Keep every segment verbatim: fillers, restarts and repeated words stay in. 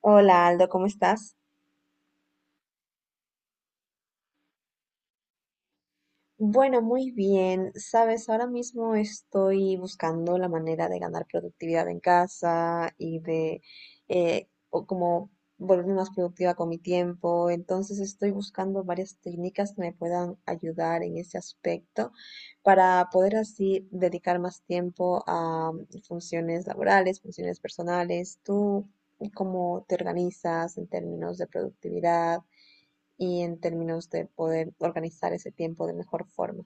Hola Aldo, ¿cómo estás? Bueno, muy bien. Sabes, ahora mismo estoy buscando la manera de ganar productividad en casa y de eh, o como volverme más productiva con mi tiempo. Entonces estoy buscando varias técnicas que me puedan ayudar en ese aspecto para poder así dedicar más tiempo a funciones laborales, funciones personales. ¿Tú cómo te organizas en términos de productividad? Y en términos de poder organizar ese tiempo de mejor forma.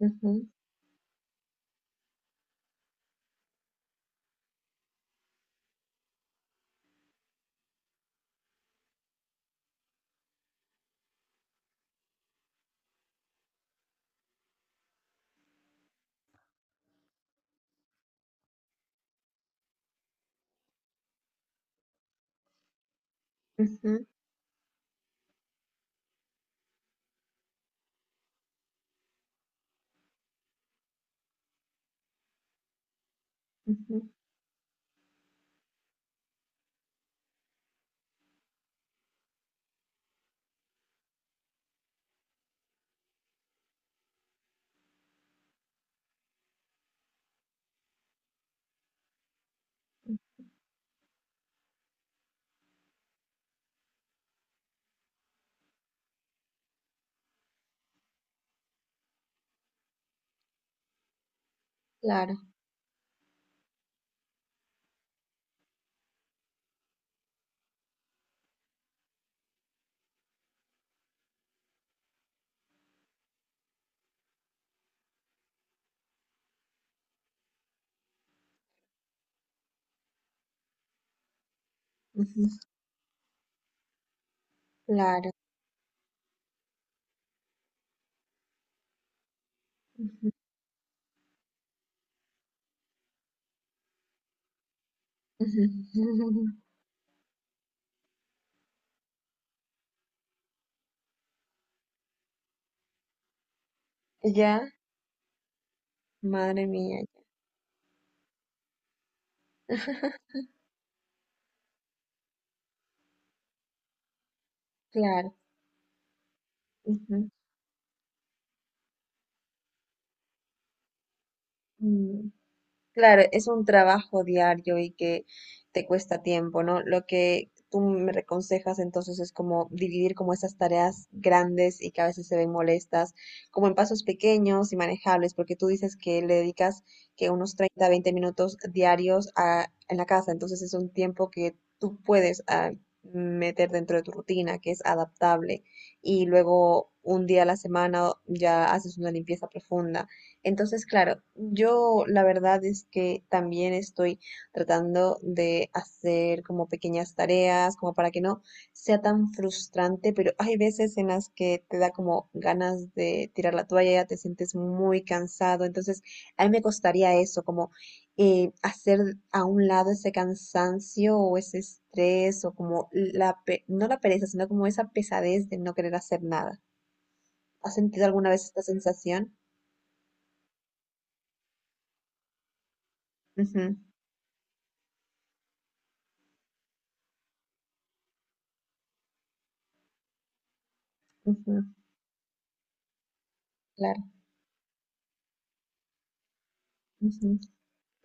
Ujú, ujú, ujú. Claro, ujú, claro. Ujú, ujú, ya, madre mía, claro. Ujú, mm. Claro, es un trabajo diario y que te cuesta tiempo, ¿no? Lo que tú me aconsejas entonces es como dividir como esas tareas grandes y que a veces se ven molestas, como en pasos pequeños y manejables, porque tú dices que le dedicas que unos treinta, veinte minutos diarios a, en la casa, entonces es un tiempo que tú puedes ah, meter dentro de tu rutina, que es adaptable, y luego un día a la semana ya haces una limpieza profunda, entonces, claro, yo la verdad es que también estoy tratando de hacer como pequeñas tareas, como para que no sea tan frustrante, pero hay veces en las que te da como ganas de tirar la toalla, te sientes muy cansado, entonces a mí me costaría eso, como eh, hacer a un lado ese cansancio o ese estrés o como la, pe- no la pereza, sino como esa pesadez de no querer hacer nada. ¿Has sentido alguna vez esta sensación? Ujú, ujú. Claro. Ujú,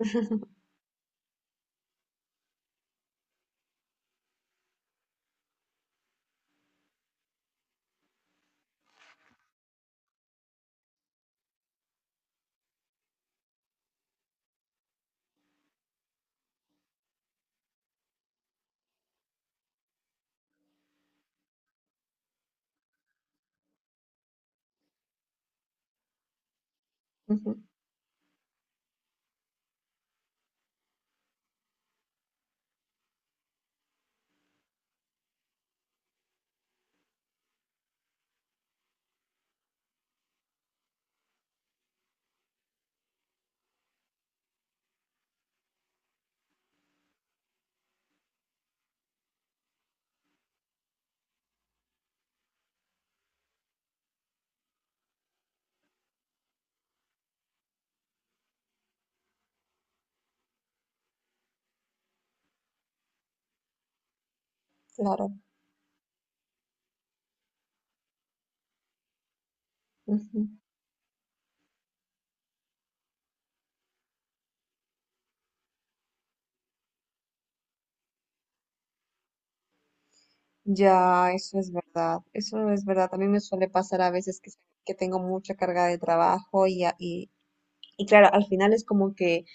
ujú, claro. Ujú. Ya, eso es verdad. Eso es verdad. A mí me suele pasar a veces que, que tengo mucha carga de trabajo y, a- y, y claro, al final es como que,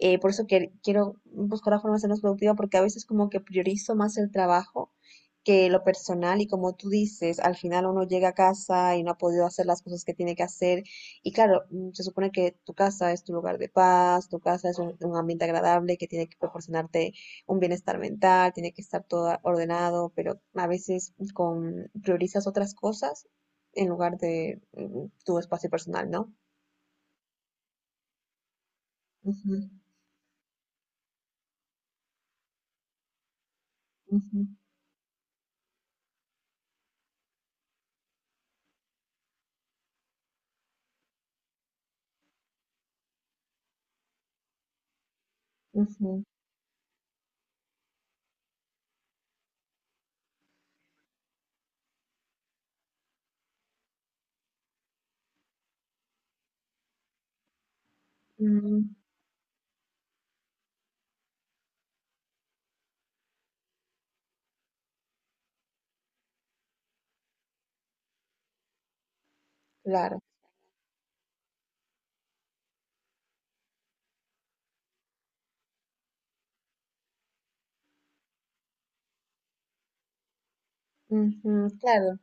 eh, por eso que quiero buscar la forma de ser más productiva, porque a veces como que priorizo más el trabajo que lo personal y como tú dices, al final uno llega a casa y no ha podido hacer las cosas que tiene que hacer y claro, mm, se supone que tu casa es tu lugar de paz, tu casa es un, un ambiente agradable que tiene que proporcionarte un bienestar mental, tiene que estar todo ordenado, pero a veces con, priorizas otras cosas en lugar de mm, tu espacio personal, ¿no? Ujú, ujú. Ujú, mm, claro, ujú, claro,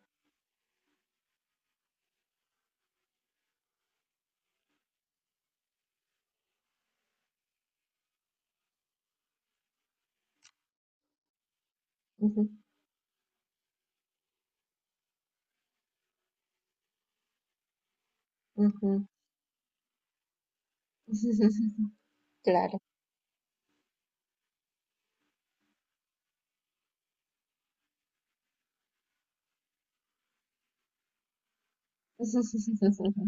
ujú, ujú, claro,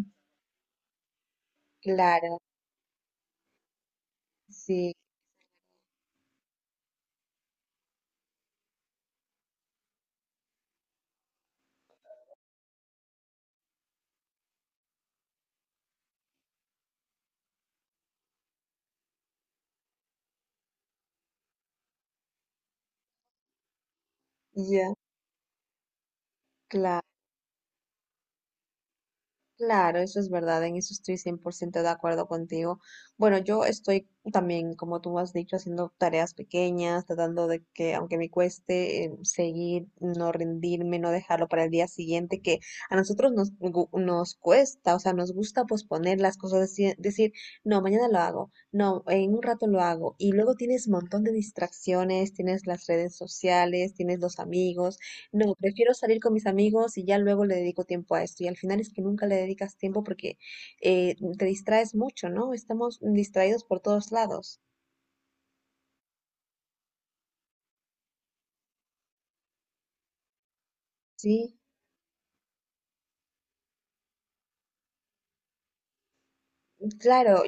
claro, sí, ya, claro. Claro, eso es verdad, en eso estoy cien por ciento de acuerdo contigo. Bueno, yo estoy también, como tú has dicho, haciendo tareas pequeñas, tratando de que, aunque me cueste, eh, seguir, no rendirme, no dejarlo para el día siguiente, que a nosotros nos, gu- nos cuesta, o sea, nos gusta posponer las cosas, deci- decir, no, mañana lo hago, no, en un rato lo hago, y luego tienes un montón de distracciones, tienes las redes sociales, tienes los amigos. No, prefiero salir con mis amigos y ya luego le dedico tiempo a esto. Y al final es que nunca le dedicas tiempo porque eh, te distraes mucho, ¿no? Estamos distraídos por todos lados. Sí, claro.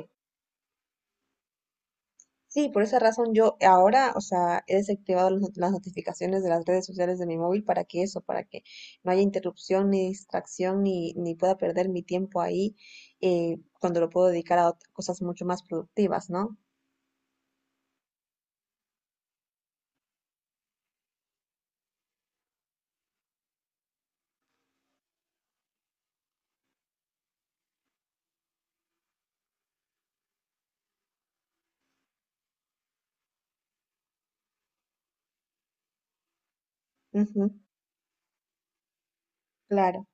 Sí, por esa razón yo ahora, o sea, he desactivado las not- las notificaciones de las redes sociales de mi móvil para que eso, para que no haya interrupción ni distracción ni, ni pueda perder mi tiempo ahí eh, cuando lo puedo dedicar a ot- cosas mucho más productivas, ¿no? Ujú, claro,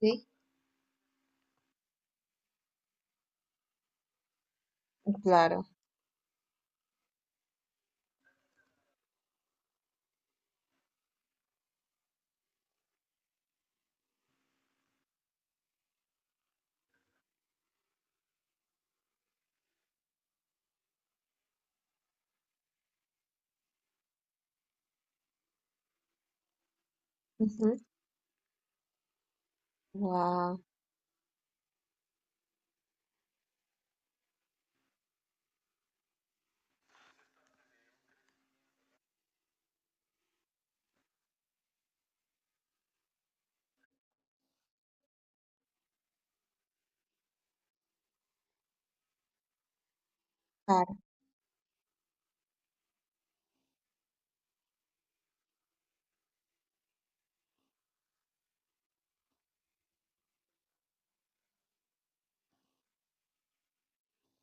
sí, claro. Wow.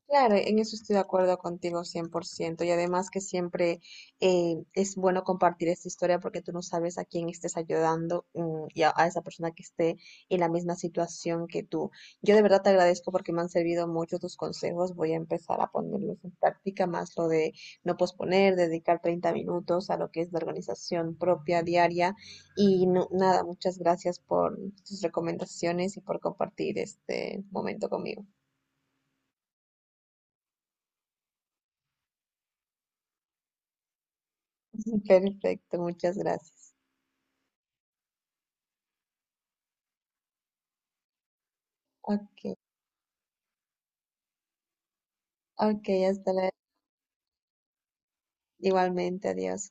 Claro, en eso estoy de acuerdo contigo cien por ciento. Y además que siempre eh, es bueno compartir esta historia porque tú no sabes a quién estés ayudando mm, y a, a esa persona que esté en la misma situación que tú. Yo de verdad te agradezco porque me han servido mucho tus consejos. Voy a empezar a ponerlos en práctica, más lo de no posponer, dedicar treinta minutos a lo que es la organización propia diaria. Y no- nada, muchas gracias por tus recomendaciones y por compartir este momento conmigo. Perfecto, muchas gracias. Ok, ok, hasta luego. Igualmente, adiós.